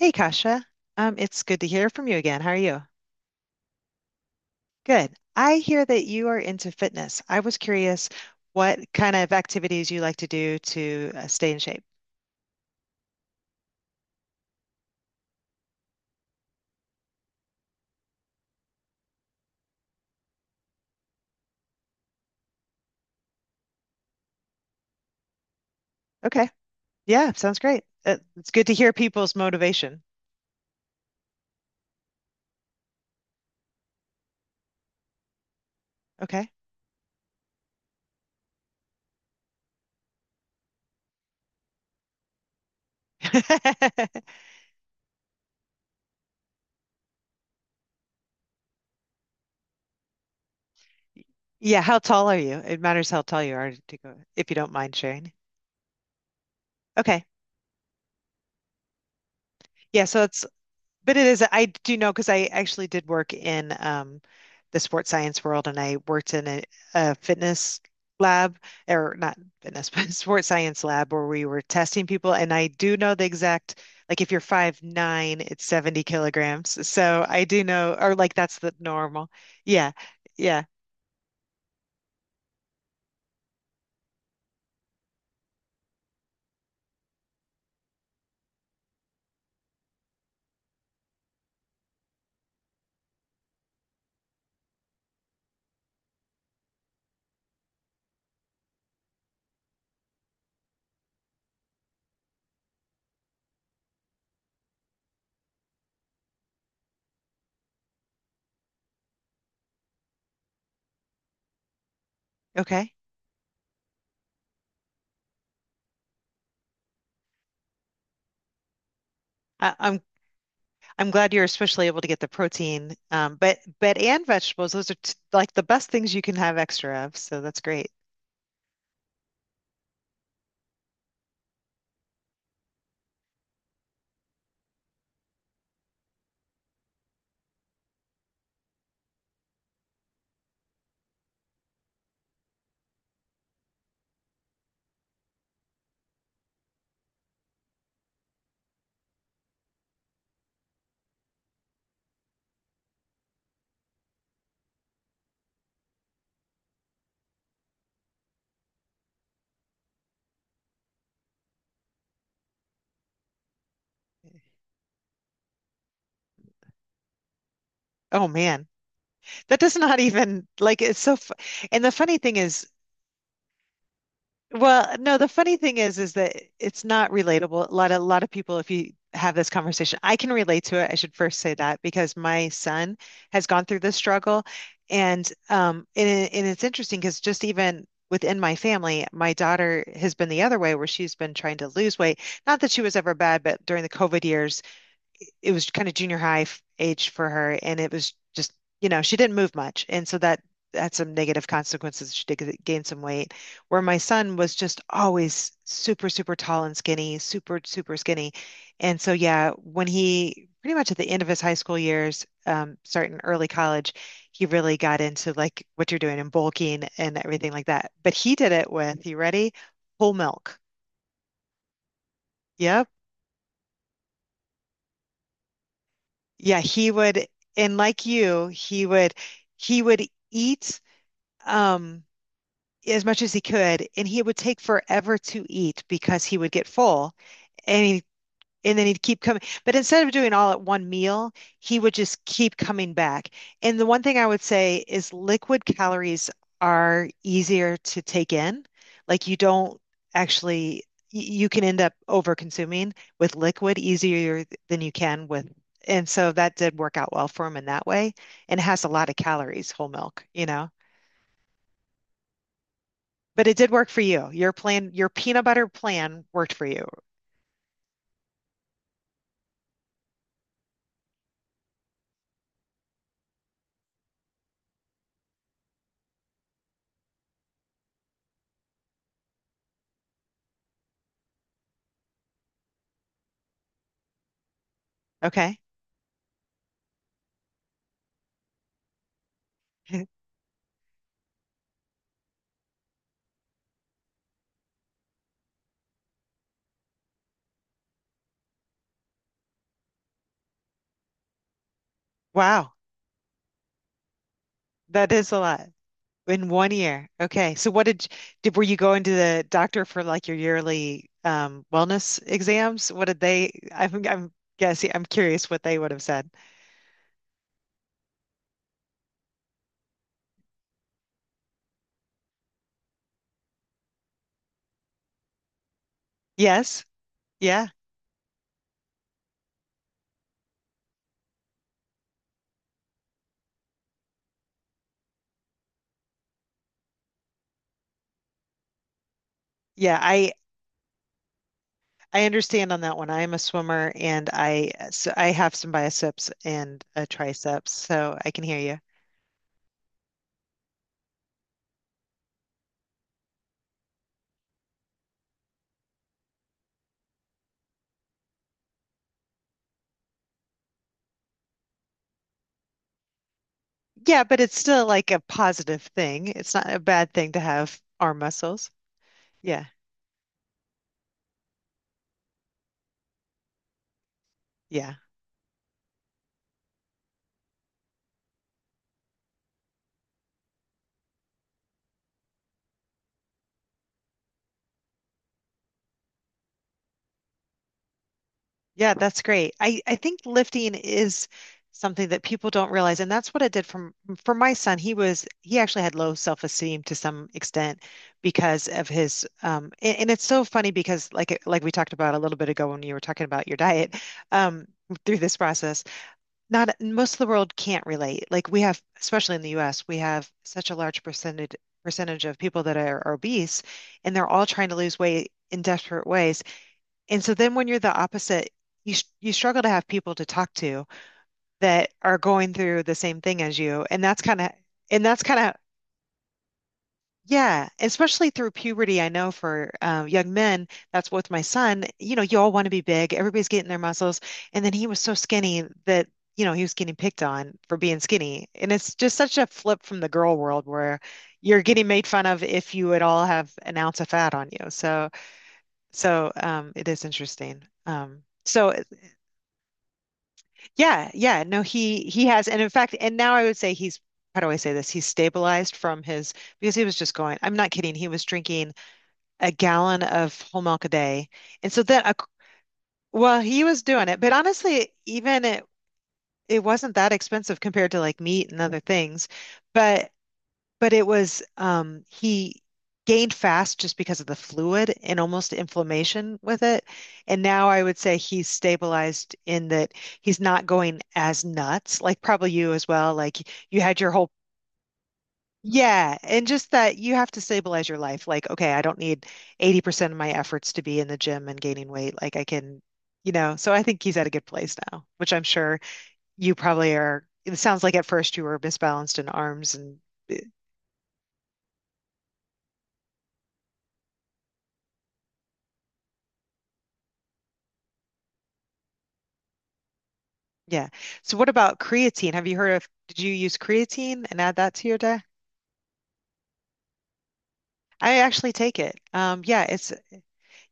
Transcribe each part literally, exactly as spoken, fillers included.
Hey, Kasha. Um, it's good to hear from you again. How are you? Good. I hear that you are into fitness. I was curious what kind of activities you like to do to uh, stay in shape. Okay. Yeah, sounds great. Uh, It's good to hear people's motivation. Okay. Yeah, how tall are you? It matters how tall you are to go, if you don't mind sharing. Okay. Yeah, so it's But it is, I do know because I actually did work in um, the sports science world and I worked in a, a fitness lab, or not fitness, but sports science lab where we were testing people. And I do know the exact, like if you're five nine, it's seventy kilograms. So I do know, or like that's the normal. Yeah. Yeah. Okay. I, I'm I'm glad you're especially able to get the protein, um, but but and vegetables. Those are t like the best things you can have extra of. So that's great. Oh man. That does not even like it's so fu And the funny thing is, well, no, the funny thing is is that it's not relatable. A lot of, a lot of people, if you have this conversation I can relate to it. I should first say that because my son has gone through this struggle. And um and, it- and it's interesting because just even within my family my daughter has been the other way where she's been trying to lose weight, not that she was ever bad, but during the COVID years it was kind of junior high f- age for her, and it was just, you know, she didn't move much, and so that had some negative consequences. She did g- gain some weight, where my son was just always super, super tall and skinny, super, super skinny, and so yeah, when he pretty much at the end of his high school years, um, starting early college, he really got into like what you're doing and bulking and everything like that. But he did it with, you ready? Whole milk. Yep. Yeah, he would, and like you, he would, he would eat um as much as he could, and he would take forever to eat because he would get full. And and then he'd keep coming. But instead of doing all at one meal, he would just keep coming back. And the one thing I would say is liquid calories are easier to take in. Like you don't actually, y- you can end up over consuming with liquid easier than you can with. And so that did work out well for him in that way, and it has a lot of calories, whole milk, you know. But it did work for you. Your plan, your peanut butter plan worked for you. Okay. Wow. That is a lot. In one year. Okay. So what did did were you going to the doctor for like your yearly um wellness exams? What did they, I'm I'm guessing, I'm curious what they would have said. Yes. Yeah. Yeah, I I understand on that one. I am a swimmer and I, so I have some biceps and a triceps, so I can hear you. Yeah, but it's still like a positive thing. It's not a bad thing to have arm muscles. Yeah. Yeah. Yeah, that's great. I, I think lifting is something that people don't realize, and that's what it did from for my son. He was he actually had low self-esteem to some extent because of his um and, and it's so funny because like it- like we talked about a little bit ago when you were talking about your diet, um through this process, not most of the world can't relate. Like we have, especially in the U S, we have such a large percentage percentage of people that are obese and they're all trying to lose weight in desperate ways, and so then when you're the opposite, you, you struggle to have people to talk to that are going through the same thing as you. And that's kind of and that's kind of yeah, especially through puberty, I know for uh, young men, that's with my son, you know, you all want to be big, everybody's getting their muscles, and then he was so skinny that, you know, he was getting picked on for being skinny. And it's just such a flip from the girl world where you're getting made fun of if you at all have an ounce of fat on you. So so um, it is interesting. Um, so yeah, yeah. No, he he has, and in fact, and now I would say he's, how do I say this? He's stabilized from his, because he was just going, I'm not kidding, he was drinking a gallon of whole milk a day. And so then a, well, he was doing it, but honestly, even it it wasn't that expensive compared to like meat and other things. But but it was, um, he gained fast just because of the fluid and almost inflammation with it. And now I would say he's stabilized in that he's not going as nuts, like probably you as well. Like you had your whole, yeah, and just that you have to stabilize your life. Like, okay, I don't need eighty percent of my efforts to be in the gym and gaining weight. Like I can, you know, so I think he's at a good place now, which I'm sure you probably are. It sounds like at first you were misbalanced in arms and yeah. So what about creatine? Have you heard of, did you use creatine and add that to your diet? I actually take it. Um, yeah, it's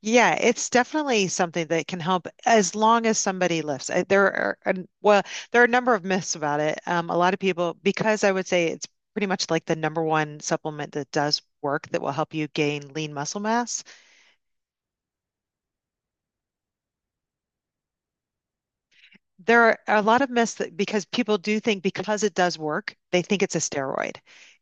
Yeah, it's definitely something that can help as long as somebody lifts. Uh, There are, an- well, there are a number of myths about it. Um, a lot of people, because I would say it's pretty much like the number one supplement that does work that will help you gain lean muscle mass. There are a lot of myths that because people do think because it does work, they think it's a steroid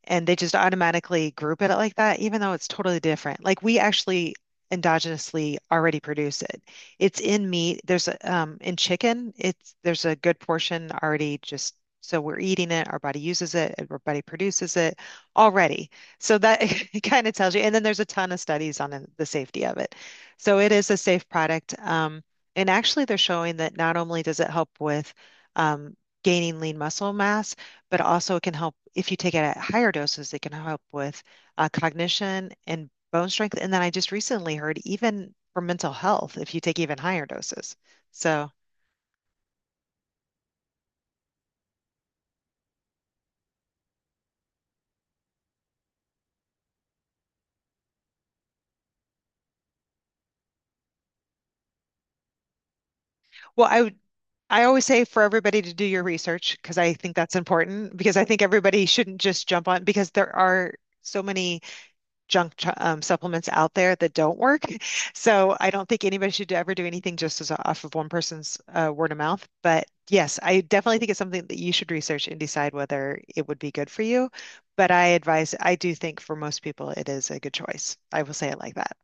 and they just automatically group it like that, even though it's totally different. Like we actually endogenously already produce it. It's in meat. There's a, um, in chicken, it's there's a good portion already, just so we're eating it, our body uses it, our body produces it already. So that it kind of tells you. And then there's a ton of studies on the safety of it. So it is a safe product. Um, and actually, they're showing that not only does it help with um, gaining lean muscle mass, but also it can help if you take it at higher doses, it can help with uh, cognition and bone strength. And then I just recently heard even for mental health if you take even higher doses. So, well, I would. I always say for everybody to do your research because I think that's important because I think everybody shouldn't just jump on because there are so many junk, um, supplements out there that don't work. So I don't think anybody should ever do anything just as off of one person's uh, word of mouth. But yes, I definitely think it's something that you should research and decide whether it would be good for you. But I advise, I do think for most people, it is a good choice. I will say it like that.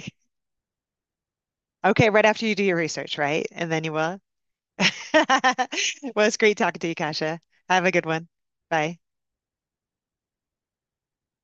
Okay, right after you do your research, right? And then you will. Well, it's great talking to you, Kasia. Have a good one. Bye.